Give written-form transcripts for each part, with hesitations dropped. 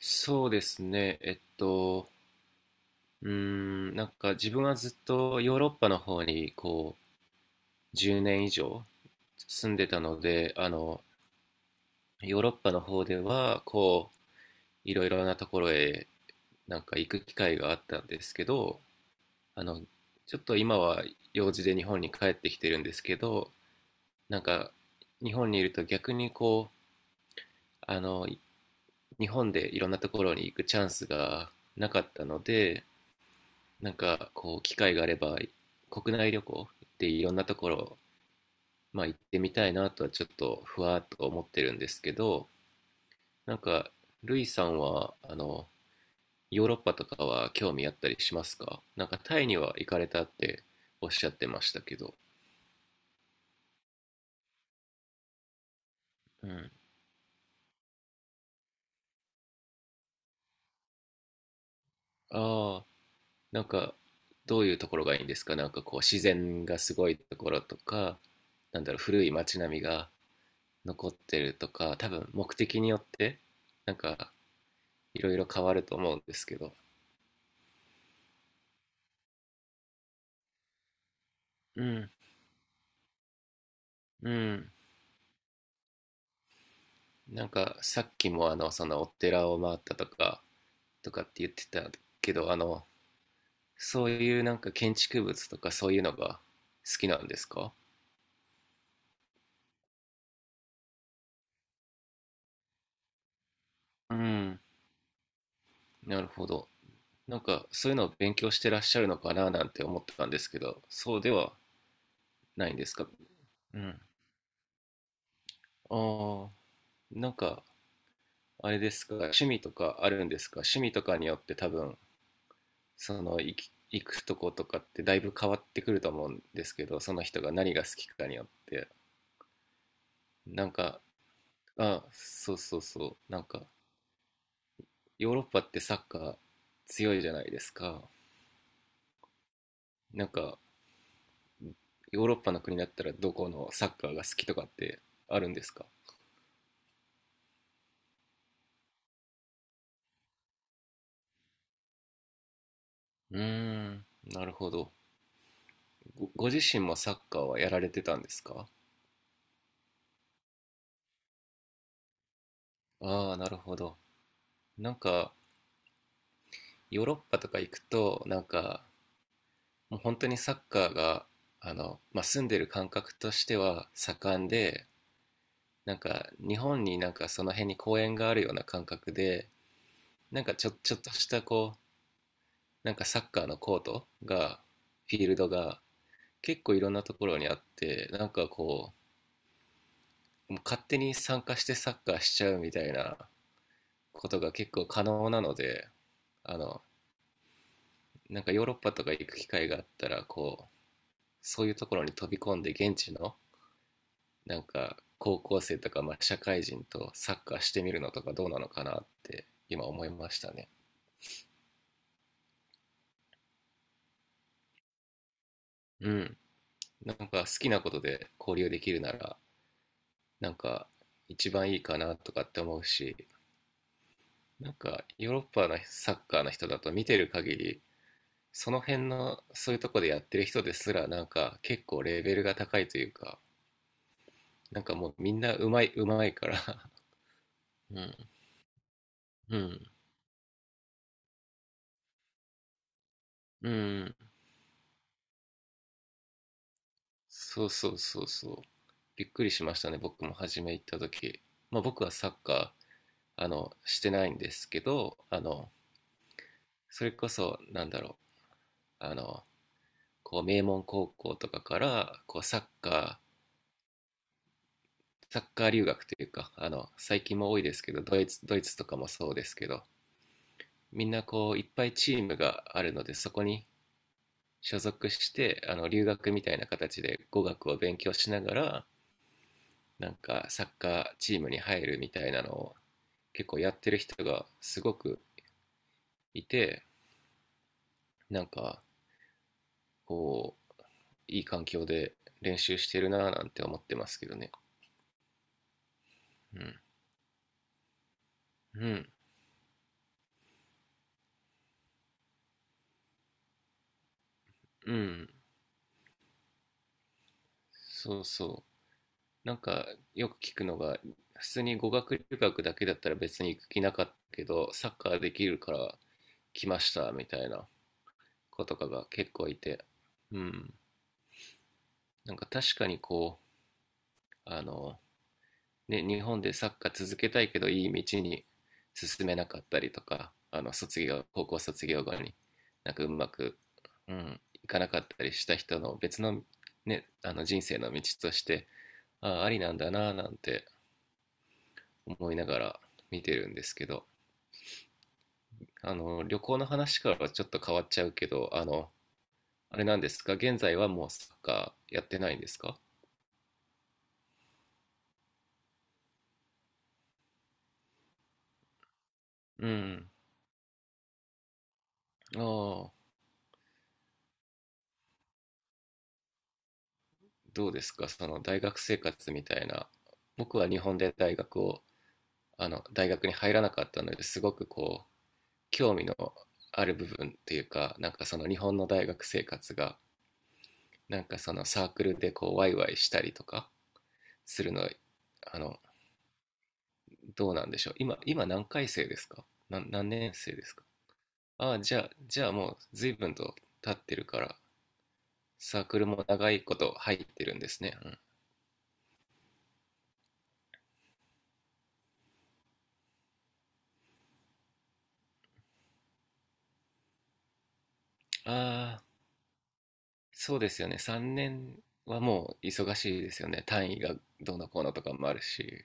そうですね。なんか自分はずっとヨーロッパの方にこう10年以上住んでたので、ヨーロッパの方ではこういろいろなところへなんか行く機会があったんですけど、あの、ちょっと今は用事で日本に帰ってきてるんですけど、なんか日本にいると逆にこう、あの、日本でいろんなところに行くチャンスがなかったので、なんかこう機会があれば国内旅行っていろんなところ、まあ、行ってみたいなとはちょっとふわっと思ってるんですけど。なんかルイさんはヨーロッパとかは興味あったりしますか？なんかタイには行かれたっておっしゃってましたけど。うん、ああ、なんかどういうところがいいんですか？なんかこう自然がすごいところとか、なんだろう、古い街並みが残ってるとか、多分目的によってなんかいろいろ変わると思うんですけど。うん、うん。なんかさっきもそのお寺を回ったとかって言ってたけど、そういうなんか建築物とかそういうのが好きなんですか？うん。なるほど。なんかそういうのを勉強してらっしゃるのかななんて思ってたんですけど、そうではないんですか？うん。ああ、なんかあれですか、趣味とかあるんですか？趣味とかによって多分その行くとことかってだいぶ変わってくると思うんですけど、その人が何が好きかによって。なんか、あ、そうそうそう、なんかヨーロッパってサッカー強いじゃないですか。なんかヨーロッパの国だったらどこのサッカーが好きとかってあるんですか？うーん。なるほど。ご自身もサッカーはやられてたんですか？ああー、なるほど。なんか、ヨーロッパとか行くと、なんか、もう本当にサッカーが、まあ、住んでる感覚としては盛んで、なんか日本になんかその辺に公園があるような感覚で、なんかちょっとしたこう、なんかサッカーのコートが、フィールドが結構いろんなところにあって、なんかこうもう勝手に参加してサッカーしちゃうみたいなことが結構可能なので、あのなんかヨーロッパとか行く機会があったらこうそういうところに飛び込んで、現地のなんか高校生とか、まあ、社会人とサッカーしてみるのとかどうなのかなって今思いましたね。うん、なんか好きなことで交流できるならなんか一番いいかなとかって思うし、なんかヨーロッパのサッカーの人だと見てる限り、その辺のそういうとこでやってる人ですらなんか結構レベルが高いというか、なんかもうみんなうまい、うまいから。 うん。うん、うん。そうそうそうそう。びっくりしましたね、僕も初め行った時。まあ僕はサッカー、してないんですけど、それこそ、なんだろう、こう、名門高校とかから、こう、サッカー留学というか、最近も多いですけど、ドイツとかもそうですけど、みんなこう、いっぱいチームがあるので、そこに所属して、留学みたいな形で語学を勉強しながら、なんかサッカーチームに入るみたいなのを結構やってる人がすごくいて、なんかこういい環境で練習してるなぁなんて思ってますけどね。うん、うん、うん。そうそう、なんかよく聞くのが、普通に語学留学だけだったら別に行く気なかったけどサッカーできるから来ましたみたいな子とかが結構いて。うん。なんか確かにこう、ね、日本でサッカー続けたいけどいい道に進めなかったりとか、あの卒業、高校卒業後になんかうまく、うん、いかなかったりした人の別の、ね、人生の道として、ありなんだななんて思いながら見てるんですけど、旅行の話からはちょっと変わっちゃうけど、あれなんですか、現在はもうサッカーやってないんですか？うん。ああ、どうですかその大学生活みたいな。僕は日本で大学を大学に入らなかったのですごくこう興味のある部分っていうか、なんかその日本の大学生活がなんかそのサークルでこうワイワイしたりとかするの、あのどうなんでしょう、今何回生ですか、何年生ですか？ああ、じゃあもう随分と経ってるからサークルも長いこと入ってるんですね。うん。ああ、そうですよね、3年はもう忙しいですよね、単位がどうのこうのとかもあるし。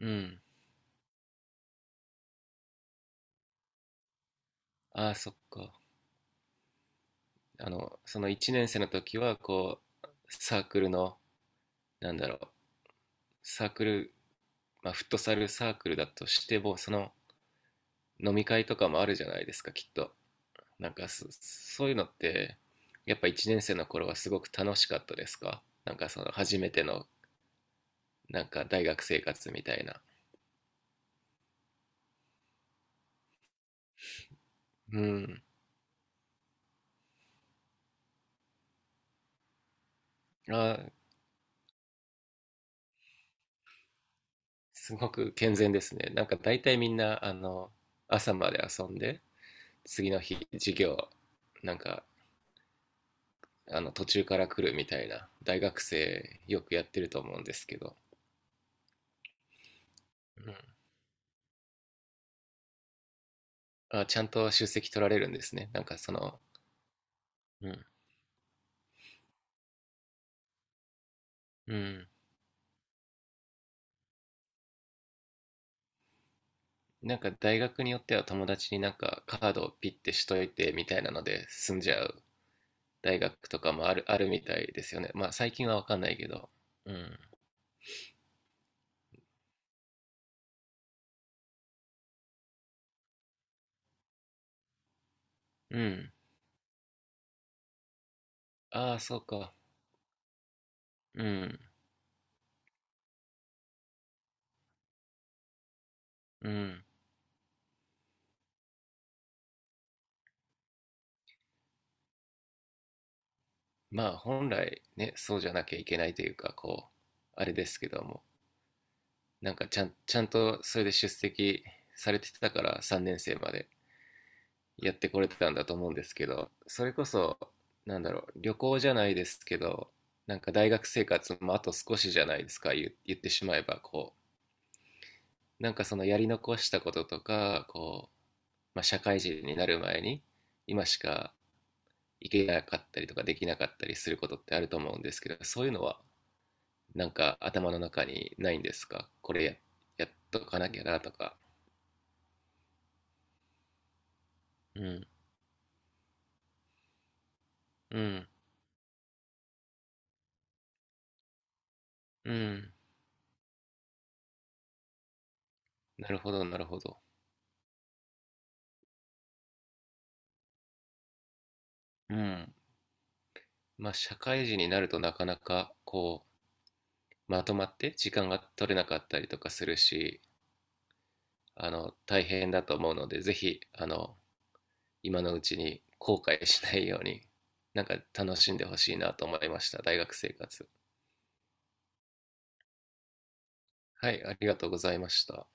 うん、ああ、そっか。その1年生の時は、こう、サークルの、なんだろう、サークル、まあ、フットサルサークルだとしても、その飲み会とかもあるじゃないですか、きっと。なんかそういうのって、やっぱ1年生の頃はすごく楽しかったですか？なんかその初めての、なんか大学生活みたいな。うん。あー、すごく健全ですね。なんか大体みんな、朝まで遊んで、次の日、授業、なんか途中から来るみたいな大学生よくやってると思うんですけど。うん。あ、ちゃんと出席取られるんですね、なんかその。うん、うん。なんか大学によっては友達になんかカードをピッてしといてみたいなので済んじゃう大学とかもあるあるみたいですよね、まあ最近は分かんないけど。うん、うん。ああ、そうか。うん、うん。まあ本来ね、そうじゃなきゃいけないというか、こうあれですけども、なんかちゃんとそれで出席されてたから3年生までやってこれてたんだと思うんですけど、それこそ、なんだろう、旅行じゃないですけど、なんか大学生活もあと少しじゃないですか、言ってしまえば、こう、なんかそのやり残したこととか、こう、まあ、社会人になる前に、今しか行けなかったりとかできなかったりすることってあると思うんですけど、そういうのはなんか頭の中にないんですか、これやっとかなきゃなとか。うん。うん。うん。なるほど、なるほど。うん。まあ、社会人になるとなかなか、こう、まとまって時間が取れなかったりとかするし、大変だと思うので、ぜひ、今のうちに後悔しないように、なんか楽しんでほしいなと思いました、大学生活。はい、ありがとうございました。